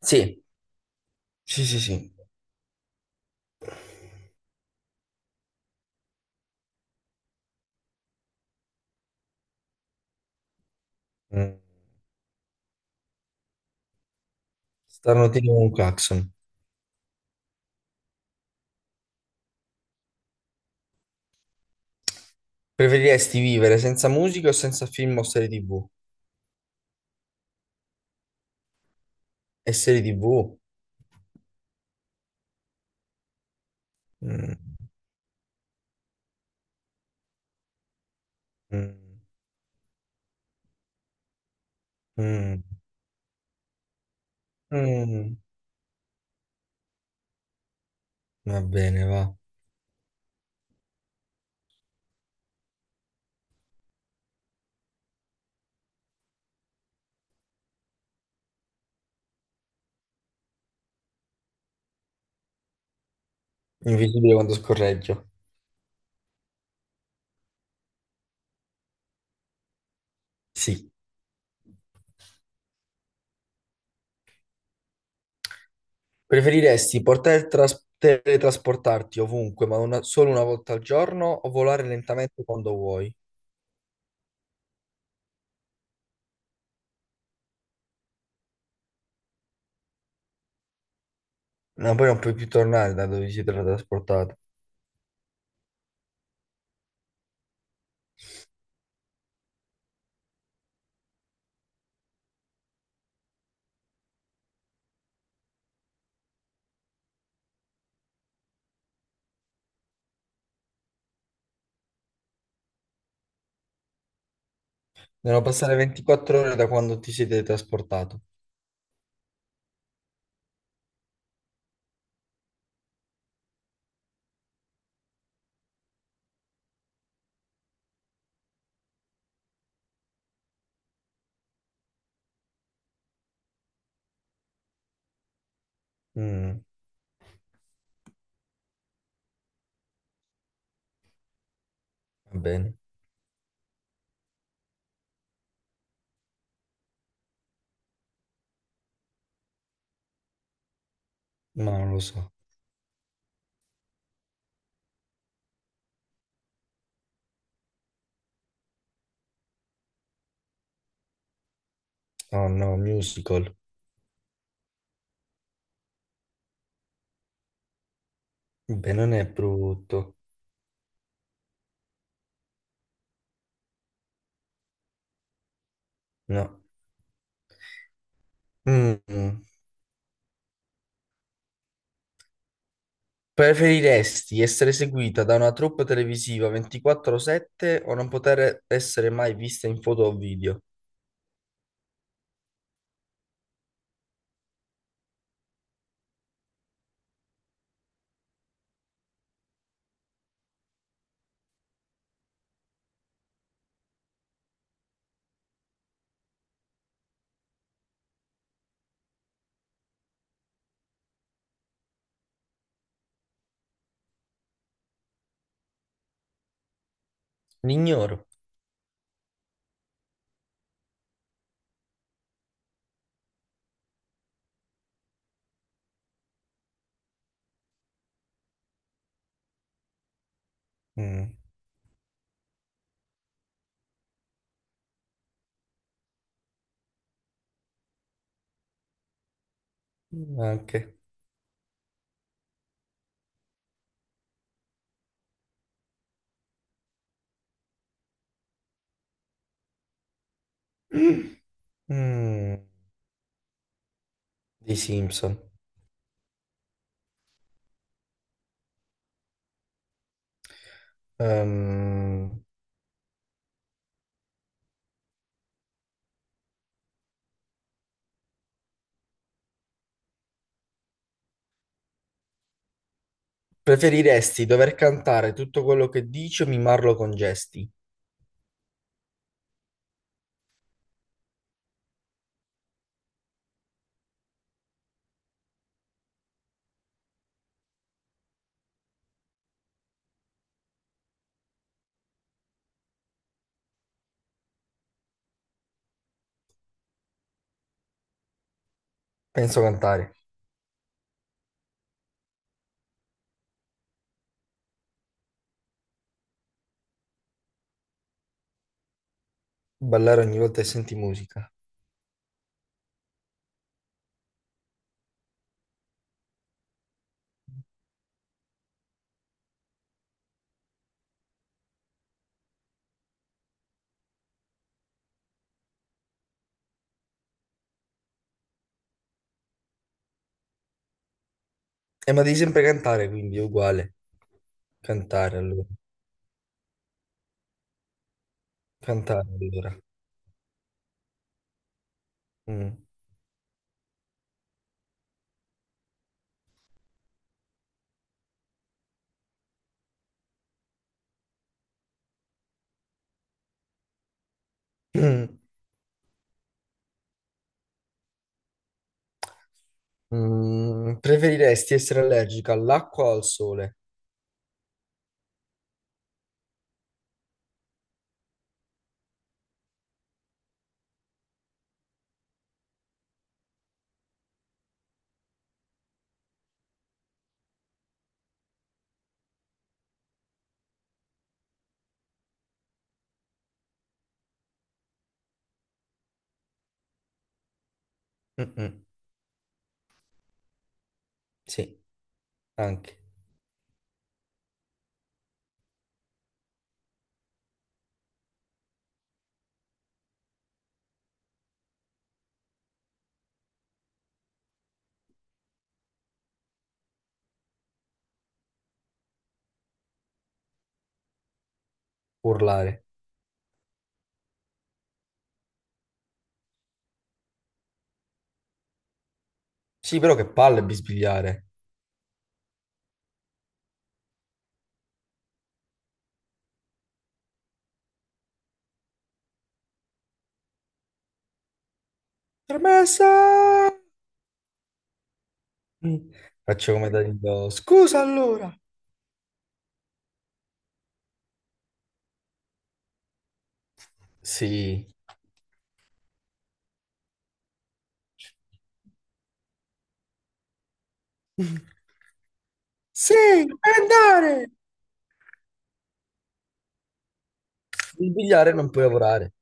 Sì, sì, sì, sì. Mm. Stanno tipo un clacson. Preferiresti vivere senza musica o senza film o serie TV? E serie TV? Mm, mm, mm, mm. Va bene, va. Invisibile quando scorreggio. Sì. Preferiresti poter teletrasportarti ovunque, ma solo una volta al giorno, o volare lentamente quando vuoi? No, poi non puoi più tornare da dove ti sei teletrasportato. Devono passare 24 ore da quando ti sei teletrasportato. Mm, va bene. Ma non lo so. Oh no, musical. Beh, non è brutto. No. Mm. Preferiresti essere seguita da una troupe televisiva 24/7 o non poter essere mai vista in foto o video? L'ignoro. Mm. Anche. Mm. Di Simpson. Ehm, preferiresti dover cantare tutto quello che dici o mimarlo con gesti? Penso cantare. Ballare ogni volta che senti musica. Ma devi sempre cantare, quindi è uguale. Cantare allora. Cantare allora. Mm. Mm. Preferiresti essere allergica all'acqua o al sole? Mm-mm. Sì, anche. Urlare. Sì, però che palle bisbigliare. Permessa! Mm. Faccio come Danilo. Scusa allora. Sì. Sì, andare! Bisbigliare non puoi lavorare.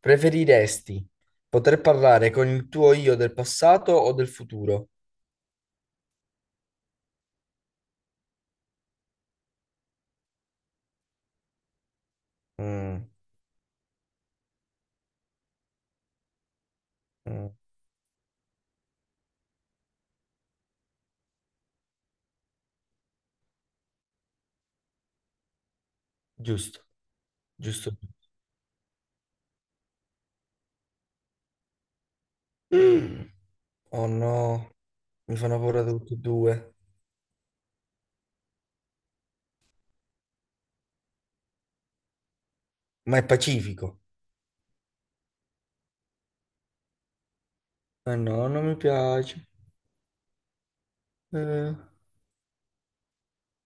Preferiresti poter parlare con il tuo io del passato o del futuro? Mm, mm, Giusto, giusto. Mm. Oh no, mi fanno paura tutti e due. Ma è pacifico. Ma no, non mi piace. Eh,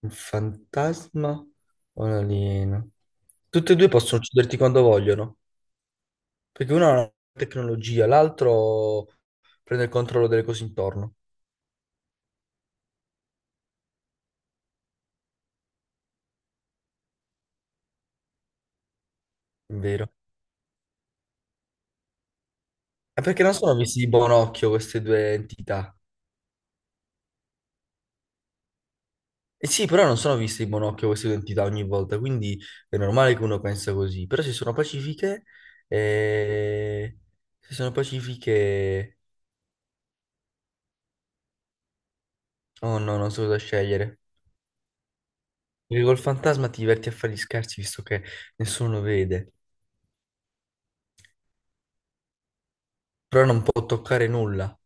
un fantasma o un alieno? Tutti e due possono ucciderti quando vogliono, perché uno ha una tecnologia, l'altro prende il controllo delle cose intorno, è vero? Ma perché non sono visti di buon occhio queste due entità? Eh sì, però non sono viste in monocchio queste identità ogni volta, quindi è normale che uno pensa così. Però eh, se sono pacifiche, oh no, non so cosa scegliere. Perché col fantasma ti diverti a fare gli scherzi visto che nessuno vede, però non può toccare nulla.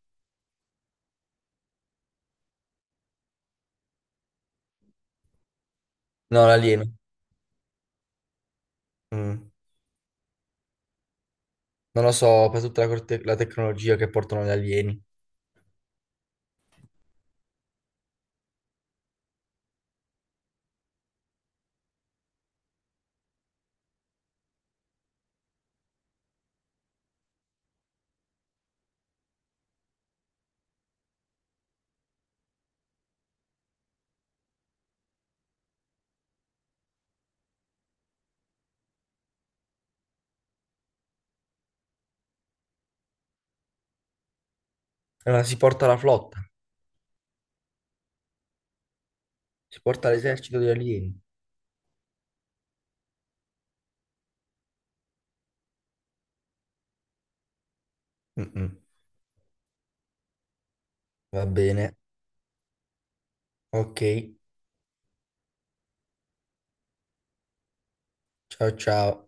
No, l'alieno. Mm. Non lo so, per tutta la tecnologia che portano gli alieni. Allora si porta la flotta, si porta l'esercito degli alieni. Mm-mm. Va bene, ok, ciao ciao.